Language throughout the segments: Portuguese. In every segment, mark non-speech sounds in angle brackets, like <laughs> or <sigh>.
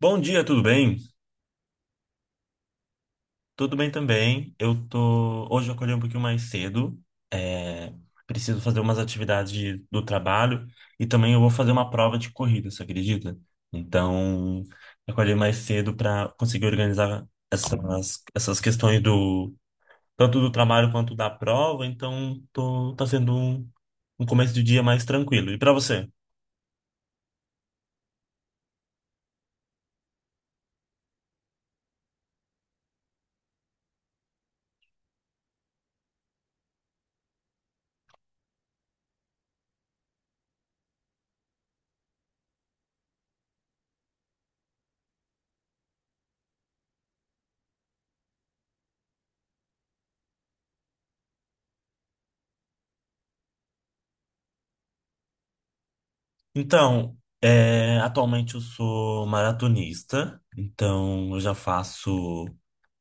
Bom dia, tudo bem? Tudo bem também. Eu tô. Hoje eu acordei um pouquinho mais cedo. É, Preciso fazer umas atividades do trabalho e também eu vou fazer uma prova de corrida, você acredita? Então, eu acordei mais cedo para conseguir organizar essas questões do tanto do trabalho quanto da prova. Então, tá sendo um começo de dia mais tranquilo. E para você? Então, atualmente eu sou maratonista, então eu já faço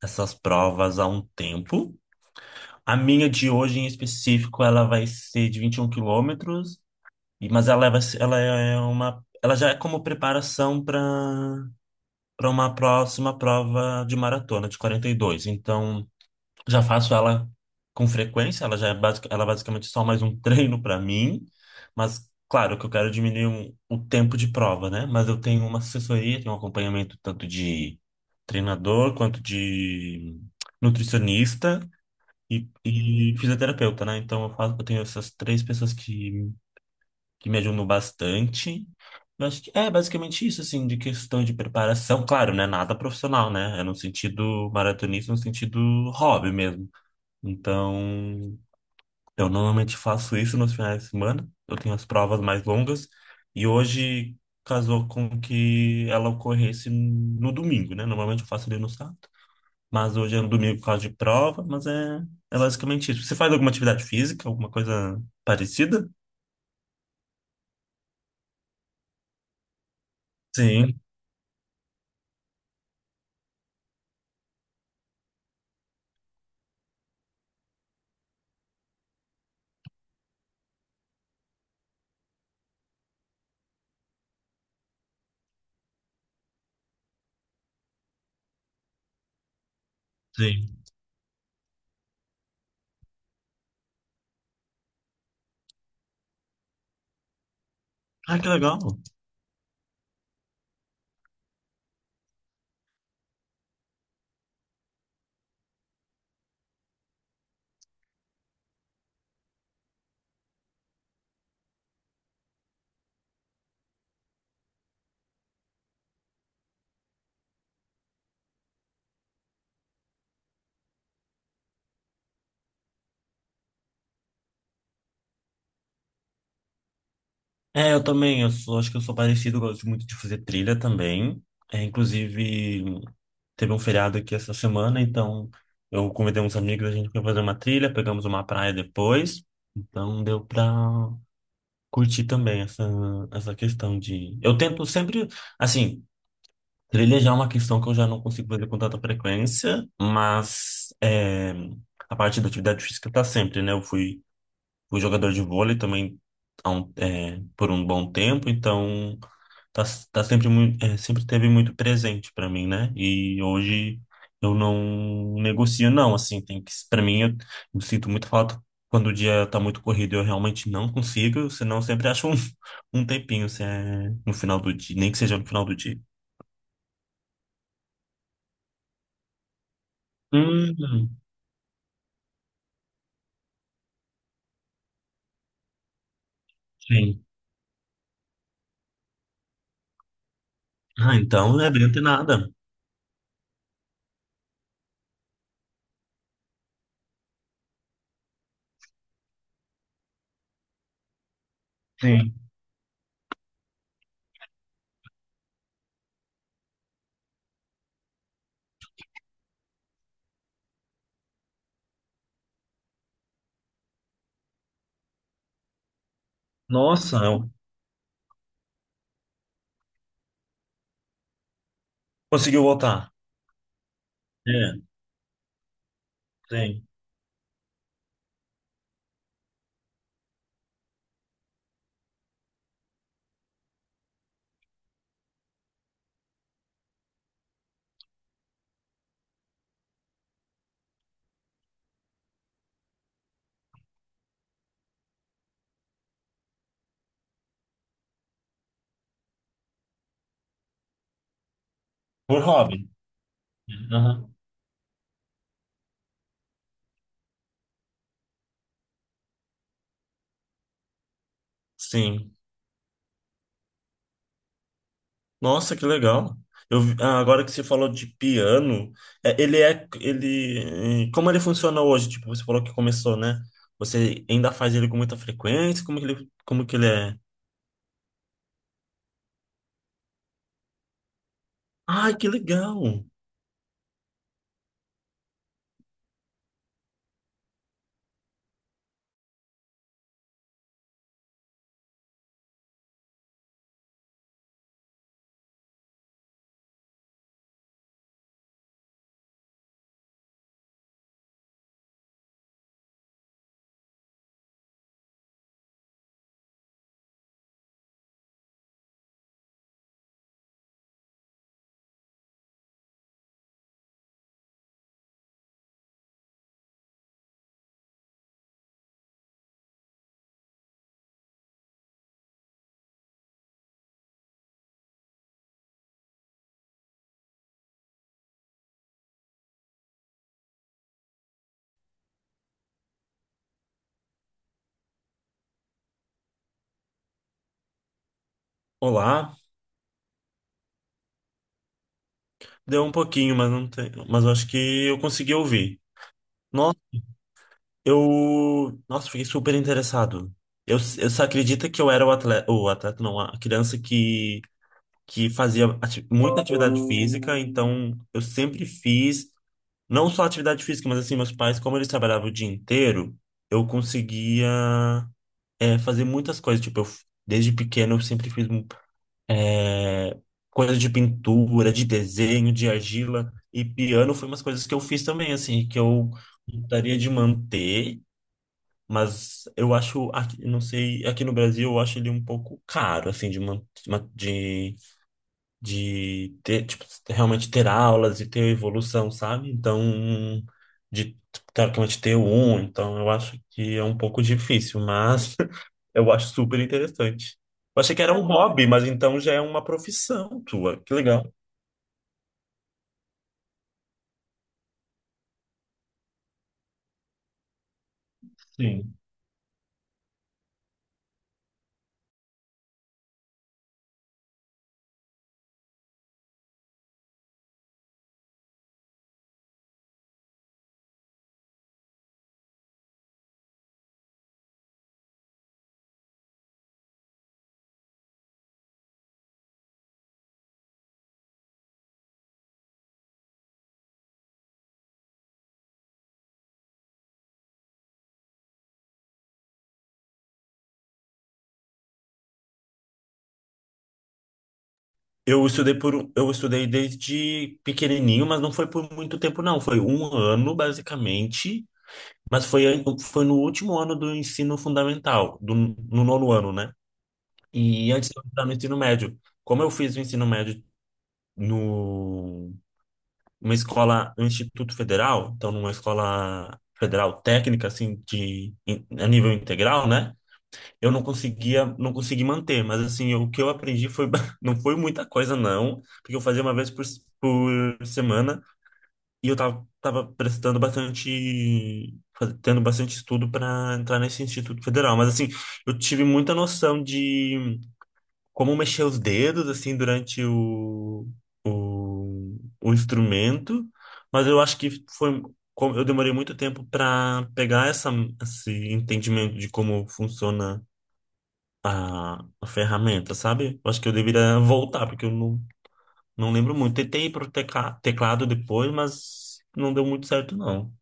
essas provas há um tempo. A minha de hoje em específico, ela vai ser de 21 quilômetros, mas ela, ela já é como preparação para uma próxima prova de maratona de 42. Então, já faço ela com frequência, ela é basicamente só mais um <laughs> treino para mim, mas claro que eu quero é diminuir o tempo de prova, né? Mas eu tenho uma assessoria, tenho um acompanhamento tanto de treinador quanto de nutricionista e fisioterapeuta, né? Então eu tenho essas três pessoas que me ajudam bastante. Eu acho que é basicamente isso, assim, de questão de preparação. Claro, né? Nada profissional, né? É no sentido maratonista, no sentido hobby mesmo. Então, eu normalmente faço isso nos finais de semana. Eu tenho as provas mais longas. E hoje casou com que ela ocorresse no domingo, né? Normalmente eu faço ali no sábado. Mas hoje é no domingo por causa de prova. Mas é basicamente isso. Você faz alguma atividade física, alguma coisa parecida? Sim, sim. Ah, que legal. É, eu também. Acho que eu sou parecido. Eu gosto muito de fazer trilha também. É, inclusive. Teve um feriado aqui essa semana, então eu convidei uns amigos, a gente foi fazer uma trilha, pegamos uma praia depois, então deu pra curtir também essa questão Eu tento sempre, assim, trilha já é uma questão que eu já não consigo fazer com tanta frequência, mas a parte da atividade física tá sempre, né? Eu fui jogador de vôlei também por um bom tempo, então tá, tá sempre muito, sempre teve muito presente para mim, né? E hoje eu não negocio não, assim, tem que para mim eu sinto muito falta quando o dia tá muito corrido, eu realmente não consigo, senão eu sempre acho um, <laughs> um tempinho, se é no final do dia, nem que seja no final do dia. Hum, sim. Ah, então não é bem nada. Sim. Nossa, conseguiu voltar. É, sim. Por hobby. Aham. Sim. Nossa, que legal. Agora que você falou de piano, como ele funciona hoje? Tipo, você falou que começou, né? Você ainda faz ele com muita frequência? Como que ele é? Ai, que legal. Olá. Deu um pouquinho, mas não tem, mas eu acho que eu consegui ouvir. Nossa, fiquei super interessado. Eu só acredita que eu era o atleta não, a criança que fazia muita atividade física, então eu sempre fiz. Não só atividade física, mas assim, meus pais, como eles trabalhavam o dia inteiro, eu conseguia fazer muitas coisas. Tipo, desde pequeno eu sempre fiz é, coisas de pintura, de desenho, de argila. E piano foi umas coisas que eu fiz também, assim, que eu gostaria de manter, mas eu acho, não sei, aqui no Brasil eu acho ele um pouco caro, assim, de, man, de de ter, tipo, realmente ter aulas e ter evolução, sabe? Então, de teoricamente ter um, então eu acho que é um pouco difícil, mas <laughs> eu acho super interessante. Eu achei que era um hobby, mas então já é uma profissão tua. Que legal. Sim. Eu estudei desde pequenininho, mas não foi por muito tempo, não. Foi um ano, basicamente, mas foi no último ano do ensino fundamental, no nono ano, né? E antes de eu entrar no ensino médio, como eu fiz o ensino médio no uma escola, um instituto federal, então numa escola federal técnica assim a nível integral, né? Eu não conseguia, não consegui manter, mas assim, o que eu aprendi foi <laughs> não foi muita coisa não, porque eu fazia uma vez por semana e eu tava tendo bastante estudo para entrar nesse instituto federal, mas assim, eu tive muita noção de como mexer os dedos assim durante o, o instrumento, mas eu acho que foi como eu demorei muito tempo para pegar esse entendimento de como funciona a ferramenta, sabe? Eu acho que eu deveria voltar, porque eu não lembro muito. Tentei ir pro teclado depois, mas não deu muito certo, não.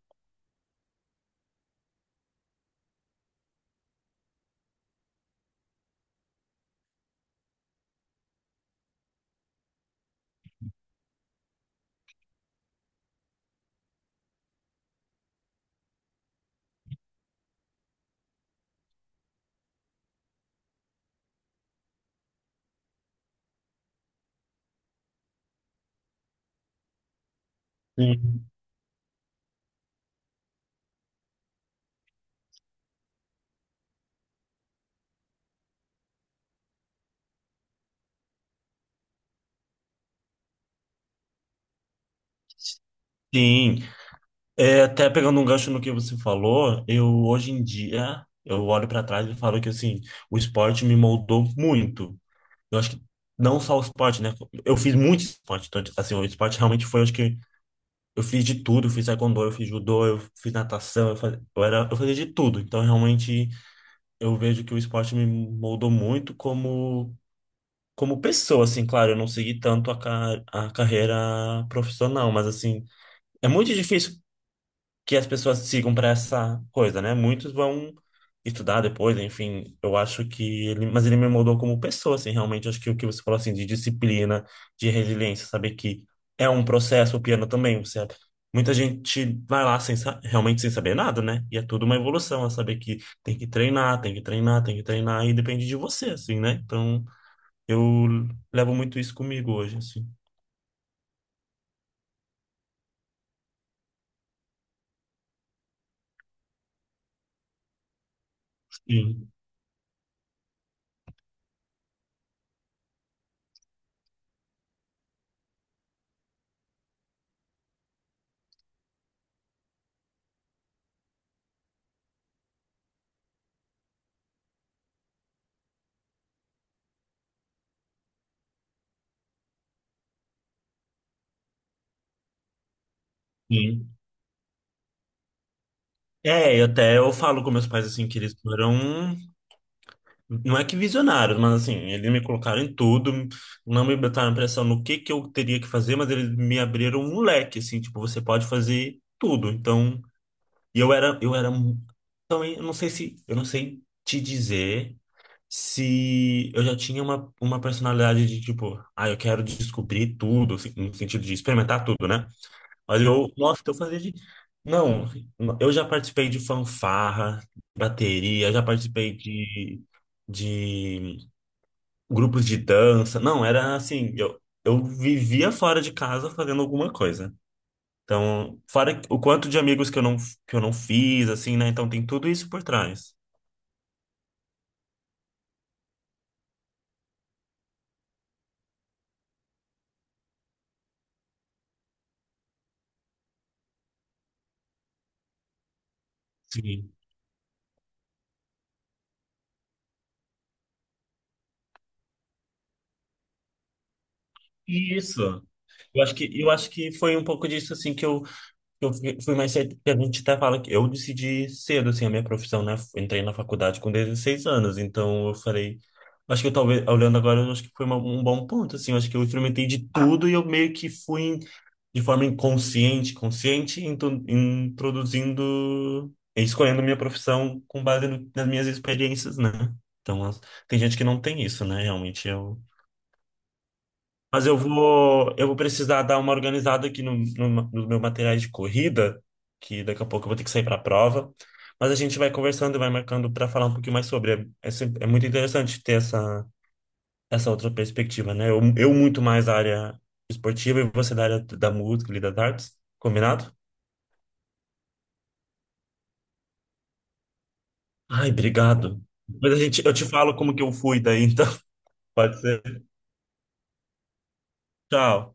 Sim. Sim, é, até pegando um gancho no que você falou, eu hoje em dia eu olho para trás e falo que assim, o esporte me moldou muito. Eu acho que não só o esporte, né? Eu fiz muito esporte, então, assim, o esporte realmente foi, eu acho que eu fiz de tudo, eu fiz taekwondo, eu fiz judô, eu fiz natação, eu fazia, eu era, eu fazia de tudo. Então, realmente eu vejo que o esporte me moldou muito como pessoa, assim, claro, eu não segui tanto a carreira profissional, mas assim, é muito difícil que as pessoas sigam para essa coisa, né? Muitos vão estudar depois, enfim, eu acho que ele, mas ele me moldou como pessoa, assim, realmente acho que o que você falou assim de disciplina, de resiliência, saber que é um processo, o piano também, muita gente vai lá sem sa- realmente sem saber nada, né? E é tudo uma evolução, é saber que tem que treinar, tem que treinar, tem que treinar e depende de você, assim, né? Então, eu levo muito isso comigo hoje, assim. Sim. Sim. É, e até eu falo com meus pais assim que eles foram. Não é que visionários, mas assim, eles me colocaram em tudo, não me botaram pressão no que eu teria que fazer, mas eles me abriram um leque, assim, tipo, você pode fazer tudo. E eu era, eu era, mu- então, eu não sei te dizer se eu já tinha uma personalidade de tipo, ah, eu quero descobrir tudo, assim, no sentido de experimentar tudo, né? Mas eu, nossa, então eu fazia de, não, eu já participei de fanfarra, bateria, já participei de grupos de dança. Não, era assim, eu vivia fora de casa fazendo alguma coisa. Então, fora o quanto de amigos que eu não fiz, assim, né? Então tem tudo isso por trás. Sim. Isso. Eu acho que foi um pouco disso, assim, que eu fui mais cedo, que a gente até fala que eu decidi cedo, assim, a minha profissão, né? Entrei na faculdade com 16 anos, então eu falei, acho que eu talvez, olhando agora, eu acho que foi um bom ponto, assim, eu acho que eu experimentei de tudo e eu meio que fui de forma inconsciente, consciente, introduzindo e escolhendo minha profissão com base nas minhas experiências, né? Então, tem gente que não tem isso, né? Realmente eu. Mas eu vou precisar dar uma organizada aqui no, no, nos meus materiais de corrida, que daqui a pouco eu vou ter que sair para a prova. Mas a gente vai conversando e vai marcando para falar um pouquinho mais sobre. É muito interessante ter essa outra perspectiva, né? Eu muito mais da área esportiva e você da área da música e das artes. Combinado? Ai, obrigado. Eu te falo como que eu fui daí, então. <laughs> Pode ser. Tchau.